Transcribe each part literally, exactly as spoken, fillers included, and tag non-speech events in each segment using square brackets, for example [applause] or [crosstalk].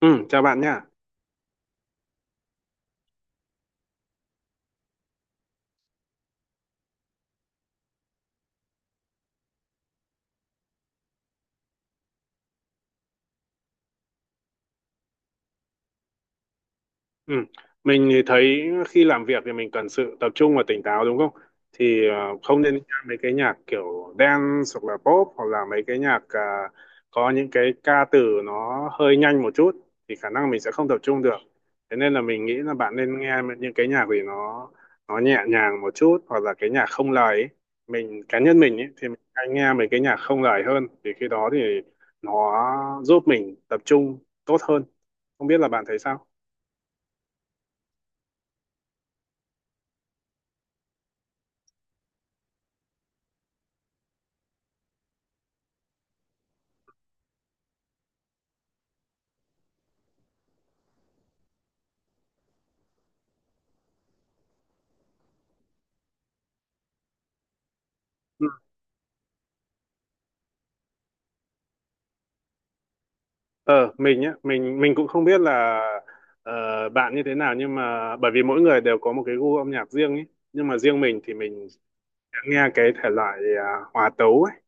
Ừ, chào bạn nhé. Ừ. Mình thì thấy khi làm việc thì mình cần sự tập trung và tỉnh táo đúng không? Thì ờ, Không nên nghe mấy cái nhạc kiểu dance hoặc là pop hoặc là mấy cái nhạc ờ, có những cái ca từ nó hơi nhanh một chút thì khả năng mình sẽ không tập trung được. Thế nên là mình nghĩ là bạn nên nghe những cái nhạc gì nó nó nhẹ nhàng một chút hoặc là cái nhạc không lời ấy. Mình cá nhân mình ấy, thì mình hay nghe mấy cái nhạc không lời hơn thì khi đó thì nó giúp mình tập trung tốt hơn. Không biết là bạn thấy sao? Ờ, mình nhá, mình mình cũng không biết là ờ, bạn như thế nào nhưng mà bởi vì mỗi người đều có một cái gu âm nhạc riêng ấy. Nhưng mà riêng mình thì mình sẽ nghe cái thể loại à, hòa tấu ấy,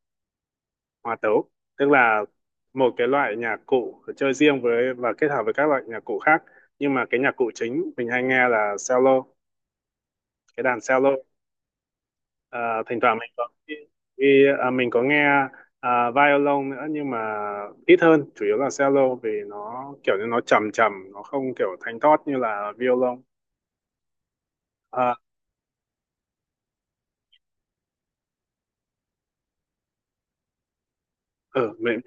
hòa tấu, tức là một cái loại nhạc cụ chơi riêng với và kết hợp với các loại nhạc cụ khác. Nhưng mà cái nhạc cụ chính mình hay nghe là cello, cái đàn cello. Ờ, Thỉnh thoảng mình có vì à, mình có nghe à, violon nữa nhưng mà ít hơn, chủ yếu là cello vì nó kiểu như nó trầm trầm, nó không kiểu thanh thoát như là violon. à, ừ, mình,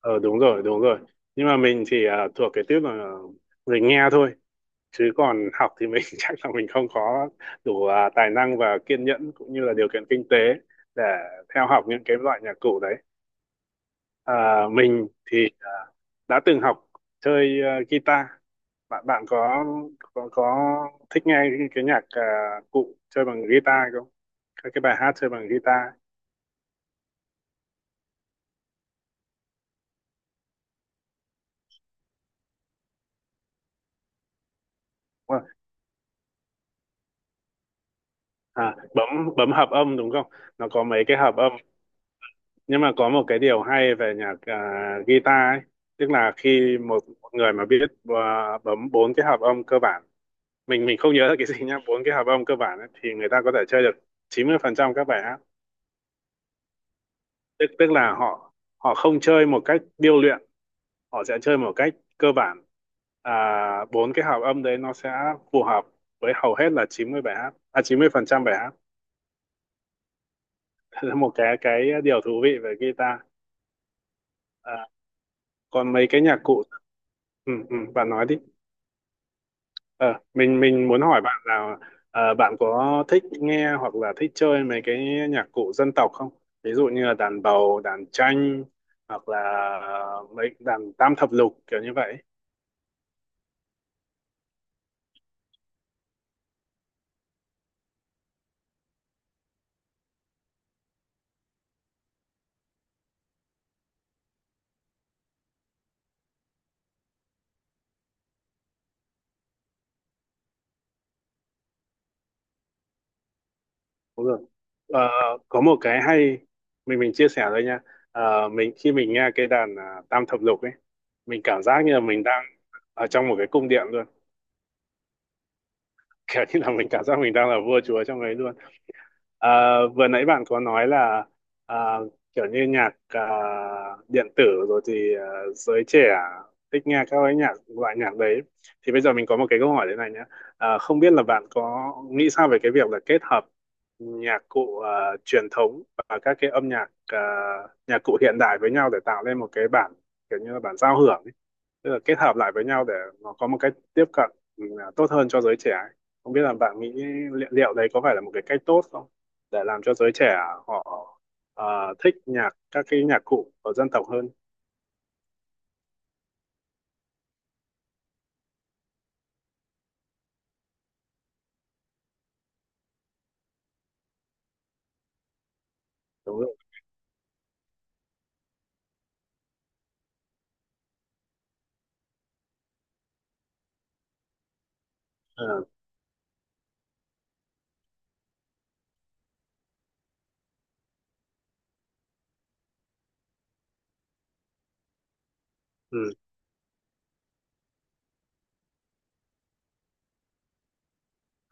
ờ, Đúng rồi đúng rồi, nhưng mà mình thì à, thuộc cái tiếp là mình nghe thôi, chứ còn học thì mình [laughs] chắc là mình không có đủ à, tài năng và kiên nhẫn cũng như là điều kiện kinh tế để theo học những cái loại nhạc cụ đấy. à, mình thì đã từng học chơi ờ, guitar. Bạn bạn có có có thích nghe cái, cái nhạc ờ, cụ chơi bằng guitar không, các cái bài hát chơi bằng guitar? Đúng rồi. À, bấm bấm hợp âm đúng không, nó có mấy cái hợp âm. Nhưng mà có một cái điều hay về nhạc ờ, guitar ấy, tức là khi một, một người mà biết ờ, bấm bốn cái hợp âm cơ bản, mình mình không nhớ là cái gì nhá, bốn cái hợp âm cơ bản ấy, thì người ta có thể chơi được chín mươi phần trăm các bài hát, tức tức là họ họ không chơi một cách điêu luyện, họ sẽ chơi một cách cơ bản. à, Bốn cái hợp âm đấy nó sẽ phù hợp với hầu hết là chín mươi bài hát, à chín mươi phần trăm phần trăm bài hát [laughs] Thế là một cái cái điều thú vị về guitar. à, Còn mấy cái nhạc cụ ừ, ừ, bạn nói đi. Ờ, mình mình muốn hỏi bạn là ờ, bạn có thích nghe hoặc là thích chơi mấy cái nhạc cụ dân tộc không, ví dụ như là đàn bầu, đàn tranh hoặc là ờ, mấy đàn tam thập lục kiểu như vậy? Đúng rồi. Ờ, có một cái hay mình mình chia sẻ thôi nha. Ờ, mình khi mình nghe cái đàn à, tam thập lục ấy, mình cảm giác như là mình đang ở trong một cái cung điện luôn. [laughs] Kiểu như là mình cảm giác mình đang là vua chúa trong ấy luôn. Ờ, Vừa nãy bạn có nói là à, kiểu như nhạc à, điện tử rồi thì à, giới trẻ thích nghe các cái nhạc, loại nhạc đấy. Thì bây giờ mình có một cái câu hỏi thế này nhé, à, không biết là bạn có nghĩ sao về cái việc là kết hợp nhạc cụ à, truyền thống và các cái âm nhạc, à, nhạc cụ hiện đại với nhau để tạo lên một cái bản, kiểu như là bản giao hưởng ấy? Tức là kết hợp lại với nhau để nó có một cách tiếp cận ừ, tốt hơn cho giới trẻ ấy. Không biết là bạn nghĩ liệu, liệu đấy có phải là một cái cách tốt không để làm cho giới trẻ họ ờ, thích nhạc, các cái nhạc cụ của dân tộc hơn? Đúng rồi. Ờ, ừ,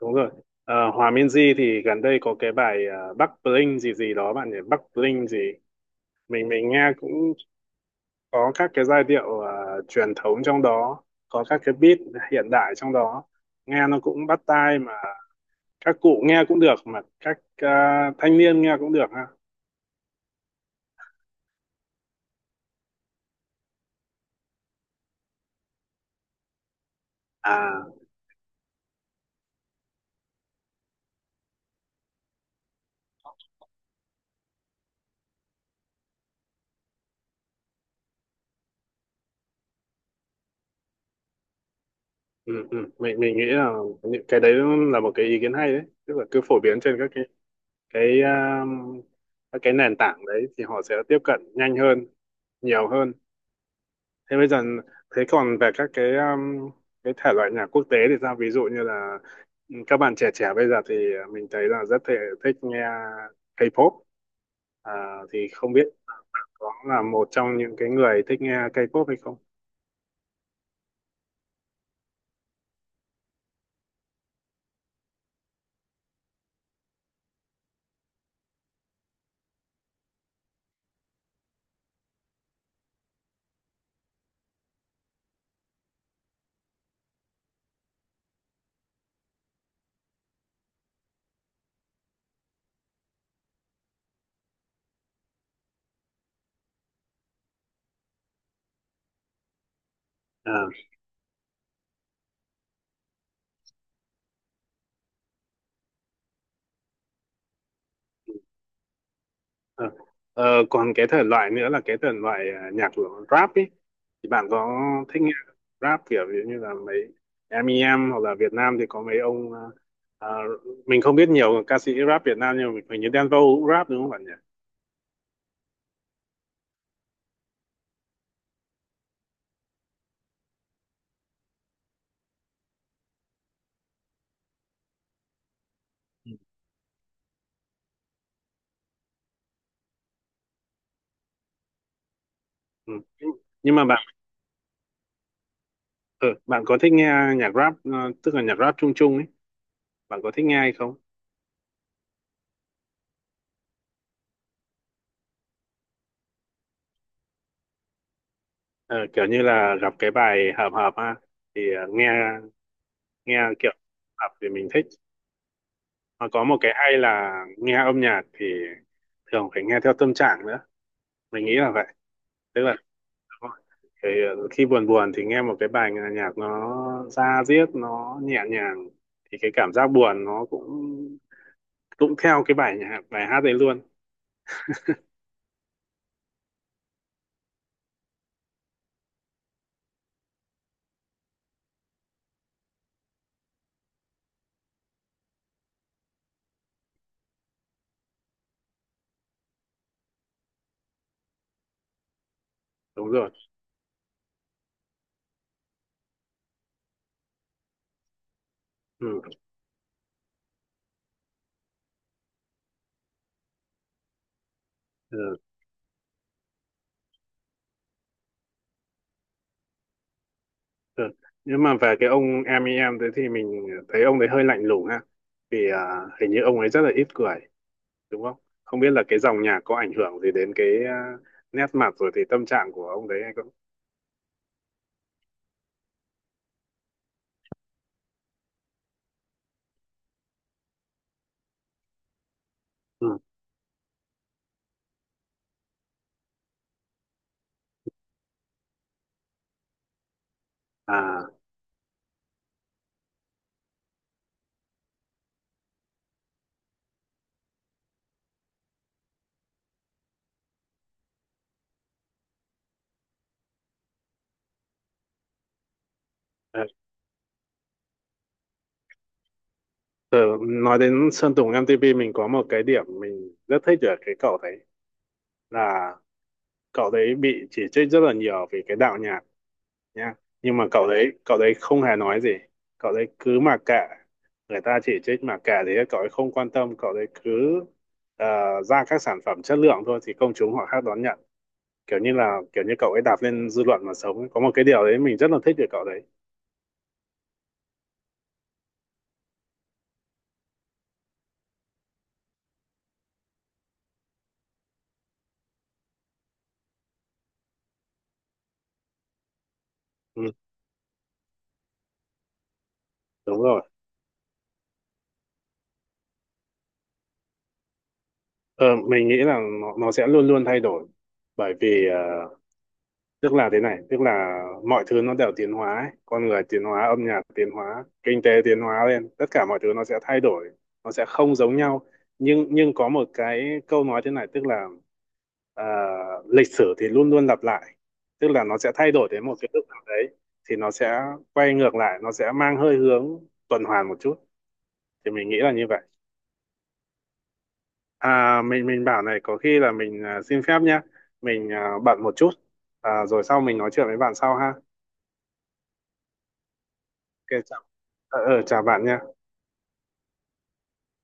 đúng rồi. Ờ, Hòa Minzy thì gần đây có cái bài uh, Bắc Bling gì gì đó bạn nhỉ, Bắc Bling gì, mình mình nghe cũng có các cái giai điệu ờ, truyền thống trong đó, có các cái beat hiện đại trong đó, nghe nó cũng bắt tai mà, các cụ nghe cũng được mà các à, thanh niên nghe cũng được ha. à ừ, ừ. Mình mình nghĩ là những cái đấy là một cái ý kiến hay đấy, tức là cứ phổ biến trên các cái cái à, các cái nền tảng đấy thì họ sẽ tiếp cận nhanh hơn, nhiều hơn. Thế bây giờ thế còn về các cái um, cái thể loại nhạc quốc tế thì sao, ví dụ như là ừ, các bạn trẻ trẻ bây giờ thì mình thấy là rất thể thích nghe K-pop. à, thì không biết có là một trong những cái người thích nghe K-pop hay không? Ờ, Ờ, còn cái thể loại nữa là cái thể loại à, nhạc của rap ấy, thì bạn có thích nghe rap kiểu ví dụ như là mấy em i em, hoặc là Việt Nam thì có mấy ông à, à, mình không biết nhiều ca sĩ rap Việt Nam nhưng mà hình như Đen Vâu cũng rap đúng không bạn nhỉ? Ừ. Ừ. Nhưng mà bạn ờ, bạn có thích nghe nhạc rap ờ, tức là nhạc rap chung chung ấy, bạn có thích nghe hay không? Ờ, kiểu như là gặp cái bài hợp hợp ha, thì ờ, nghe, nghe kiểu hợp thì mình thích. Mà có một cái hay là nghe âm nhạc thì thường phải nghe theo tâm trạng nữa, mình nghĩ là vậy. Tức là cái, khi buồn buồn thì nghe một cái bài, nghe nhạc nó da diết, nó nhẹ nhàng thì cái cảm giác buồn nó cũng cũng theo cái bài nhạc, bài hát đấy luôn. Đúng rồi. ừ, ừ, ừ. Nhưng mà về cái ông em ý em đấy thì mình thấy ông đấy hơi lạnh lùng ha, vì à, hình như ông ấy rất là ít cười, đúng không? Không biết là cái dòng nhạc có ảnh hưởng gì đến cái à, nét mặt rồi thì tâm trạng của ông đấy hay không. ừ. à à, Tớ nói đến Sơn Tùng em tê pê, mình có một cái điểm mình rất thích ở cái cậu đấy, là cậu đấy bị chỉ trích rất là nhiều vì cái đạo nhạc nhá, nhưng mà cậu đấy cậu đấy không hề nói gì, cậu đấy cứ mặc kệ, người ta chỉ trích mặc kệ, thì cậu ấy không quan tâm, cậu đấy cứ ờ, ra các sản phẩm chất lượng thôi thì công chúng họ khác đón nhận, kiểu như là kiểu như cậu ấy đạp lên dư luận mà sống ấy. Có một cái điều đấy mình rất là thích về cậu đấy. ừ, đúng rồi. ờ, mình nghĩ là nó, nó sẽ luôn luôn thay đổi, bởi vì ờ, tức là thế này, tức là mọi thứ nó đều tiến hóa ấy. Con người tiến hóa, âm nhạc tiến hóa, kinh tế tiến hóa lên, tất cả mọi thứ nó sẽ thay đổi, nó sẽ không giống nhau. Nhưng nhưng có một cái câu nói thế này tức là à, lịch sử thì luôn luôn lặp lại. Tức là nó sẽ thay đổi đến một cái lúc nào đấy thì nó sẽ quay ngược lại, nó sẽ mang hơi hướng tuần hoàn một chút, thì mình nghĩ là như vậy. À, mình mình bảo này, có khi là mình à, xin phép nhá, mình à, bận một chút, à, rồi sau mình nói chuyện với bạn sau ha. Ok chào. Ờ, ờ, chào bạn nha.